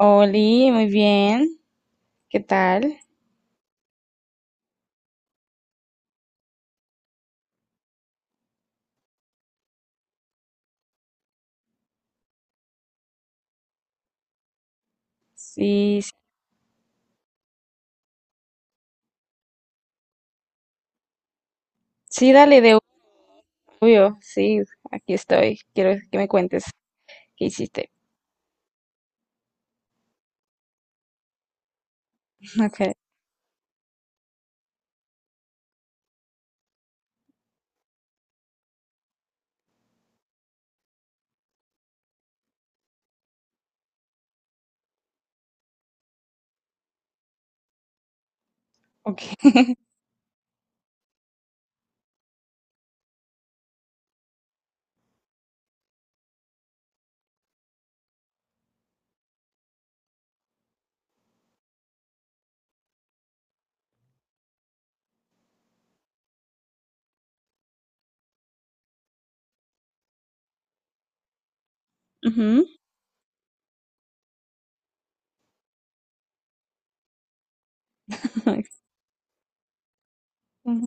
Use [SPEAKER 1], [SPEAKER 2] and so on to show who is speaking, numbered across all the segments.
[SPEAKER 1] Oli, muy bien. ¿Qué tal? Sí, sí, sí, dale de obvio. Sí, aquí estoy. Quiero que me cuentes qué hiciste. Okay, okay. Ujú. Ujú.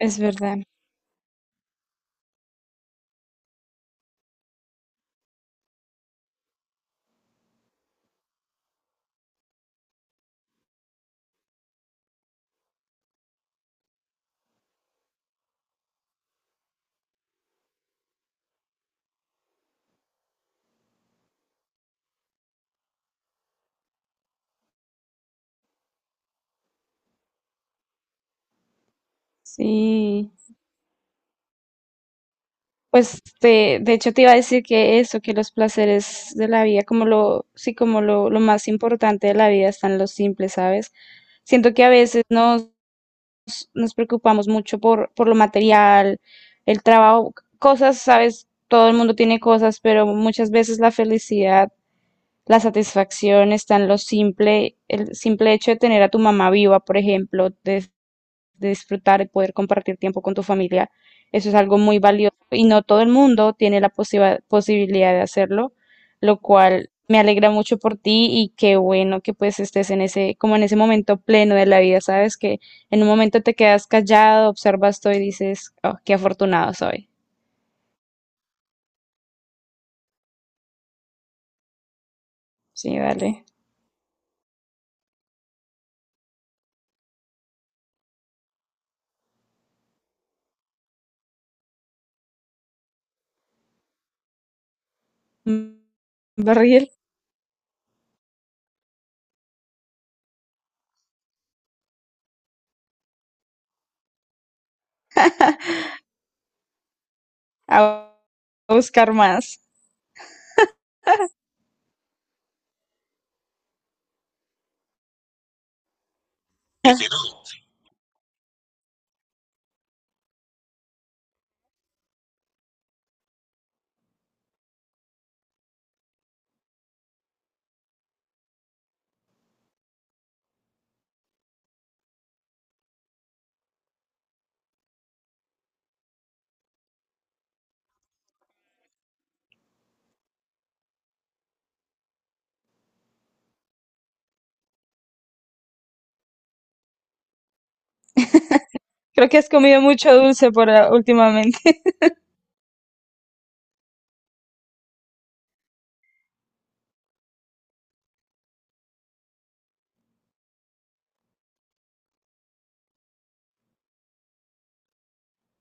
[SPEAKER 1] Es verdad. Sí. De hecho te iba a decir que eso, que los placeres de la vida, como lo más importante de la vida están los simples, ¿sabes? Siento que a veces no nos preocupamos mucho por lo material, el trabajo, cosas, sabes, todo el mundo tiene cosas, pero muchas veces la felicidad, la satisfacción está en lo simple, el simple hecho de tener a tu mamá viva, por ejemplo, de disfrutar, de poder compartir tiempo con tu familia. Eso es algo muy valioso y no todo el mundo tiene la posibilidad de hacerlo, lo cual me alegra mucho por ti y qué bueno que pues estés en ese, como en ese momento pleno de la vida, ¿sabes? Que en un momento te quedas callado, observas todo y dices, oh, qué afortunado soy. Sí, dale. Mm. Barril. a a buscar más. Creo que has comido mucho dulce por últimamente.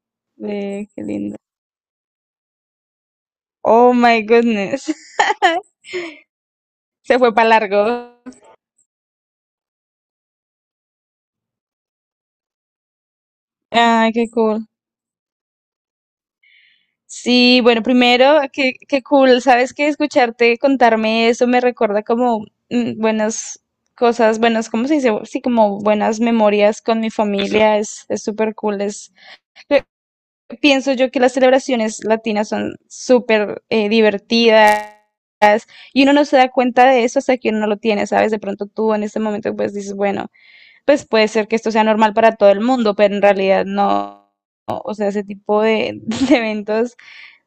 [SPEAKER 1] Ve, qué lindo. Oh my goodness. Se fue para largo. Ay, qué cool. Sí, bueno, primero, qué cool. Sabes que escucharte contarme eso me recuerda como buenas cosas, buenas, ¿cómo se dice? Sí, como buenas memorias con mi familia. Es súper cool. Es, pienso yo que las celebraciones latinas son súper divertidas. Y uno no se da cuenta de eso hasta que uno no lo tiene, ¿sabes? De pronto tú en este momento pues dices, bueno, pues puede ser que esto sea normal para todo el mundo, pero en realidad no. No. O sea, ese tipo de eventos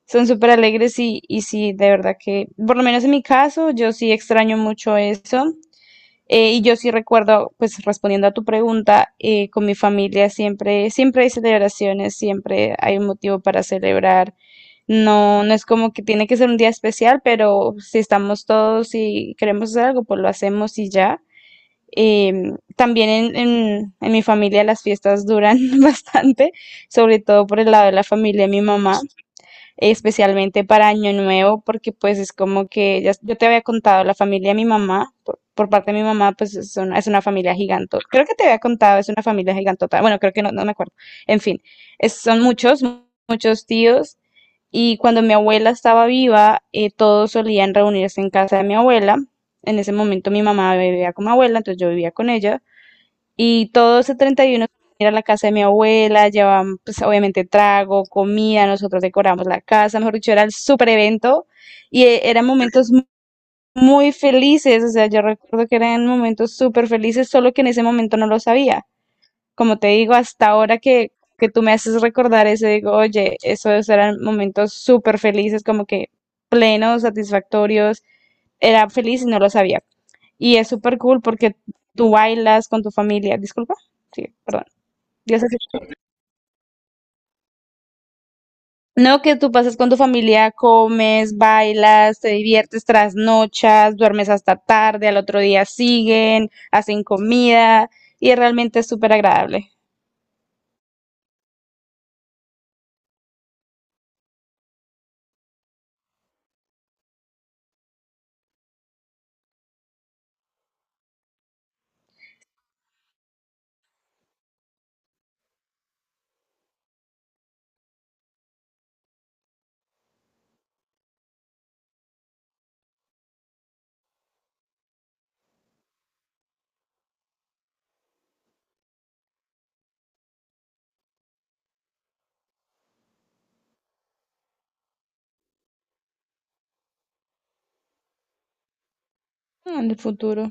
[SPEAKER 1] son súper alegres y sí, de verdad que, por lo menos en mi caso, yo sí extraño mucho eso. Y yo sí recuerdo, pues respondiendo a tu pregunta, con mi familia siempre hay celebraciones, siempre hay un motivo para celebrar. No, no es como que tiene que ser un día especial, pero si estamos todos y queremos hacer algo, pues lo hacemos y ya. También en mi familia las fiestas duran bastante, sobre todo por el lado de la familia de mi mamá, especialmente para Año Nuevo, porque pues es como que ya, yo te había contado, la familia de mi mamá, por parte de mi mamá, pues es es una familia gigantota. Creo que te había contado, es una familia gigantota. Bueno, creo que no me acuerdo. En fin, son muchos, muchos tíos y cuando mi abuela estaba viva, todos solían reunirse en casa de mi abuela. En ese momento mi mamá vivía con mi abuela, entonces yo vivía con ella. Y todo ese 31 ir a la casa de mi abuela, llevaban pues obviamente trago, comida, nosotros decoramos la casa, mejor dicho, era el super evento y eran momentos muy felices, o sea, yo recuerdo que eran momentos súper felices, solo que en ese momento no lo sabía como te digo, hasta ahora que tú me haces recordar eso, digo, oye, esos eran momentos súper felices, como que plenos, satisfactorios, era feliz y no lo sabía. Y es súper cool porque tú bailas con tu familia, disculpa, sí, perdón. Dios así. No, que tú pasas con tu familia, comes, bailas, te diviertes, trasnochas, duermes hasta tarde, al otro día siguen, hacen comida y realmente es súper agradable. Ah, en el futuro.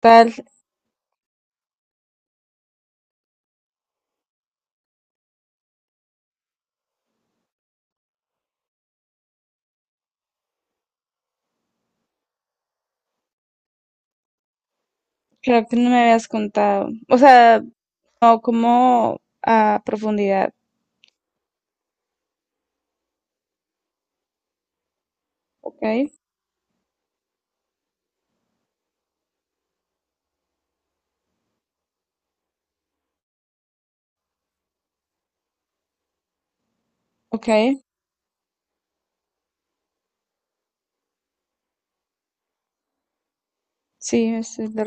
[SPEAKER 1] Total. Creo que no me habías contado. O sea, no como a profundidad. Ok, ok. Sí, se le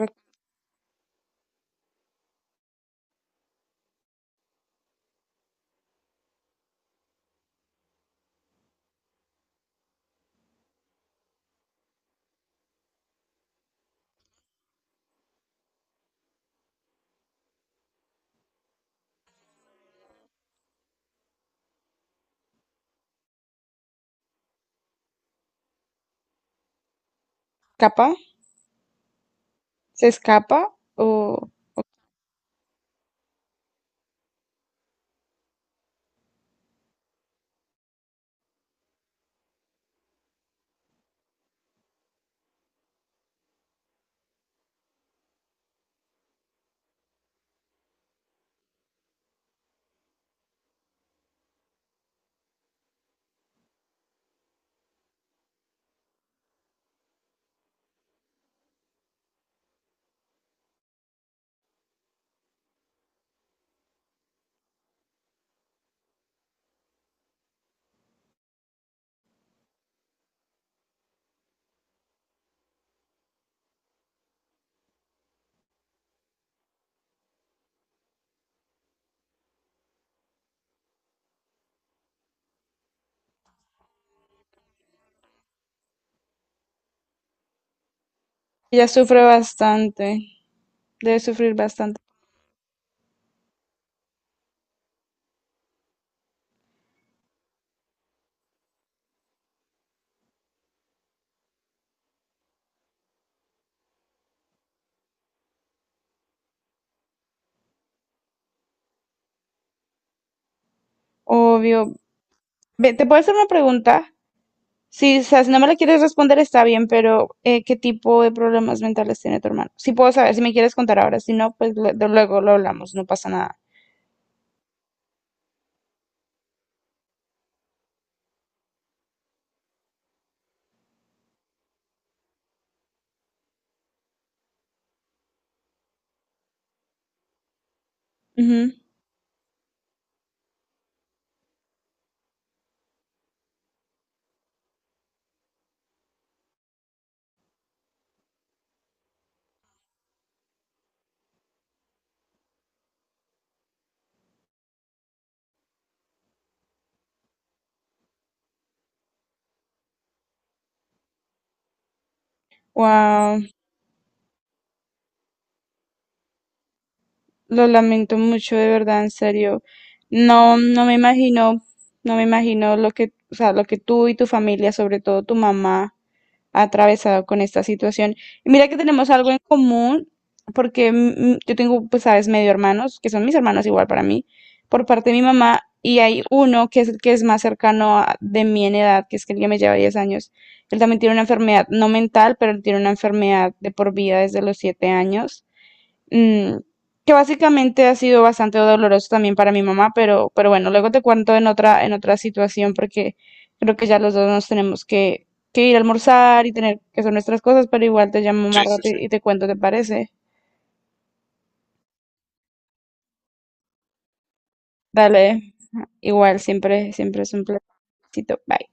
[SPEAKER 1] escapa, se escapa o ella sufre bastante, debe sufrir bastante. Obvio. Ve, ¿te puedo hacer una pregunta? Sí, o sea, si no me la quieres responder está bien, pero ¿qué tipo de problemas mentales tiene tu hermano? Si puedo saber, si me quieres contar ahora, si no, pues luego lo hablamos, no pasa nada. Wow, lo lamento mucho, de verdad, en serio. No me imagino, no me imagino lo que, o sea, lo que tú y tu familia, sobre todo tu mamá, ha atravesado con esta situación. Y mira que tenemos algo en común, porque yo tengo, pues, sabes, medio hermanos, que son mis hermanos igual para mí, por parte de mi mamá, y hay uno que es el que es más cercano de mí en edad, que es que el que me lleva 10 años. Él también tiene una enfermedad, no mental, pero él tiene una enfermedad de por vida desde los 7 años. mm, que básicamente ha sido bastante doloroso también para mi mamá, pero bueno, luego te cuento en en otra situación porque creo que ya los dos nos tenemos que ir a almorzar y tener que hacer nuestras cosas, pero igual te llamo más rato sí, y te cuento, ¿te parece? Dale, igual, siempre es un placer. Bye.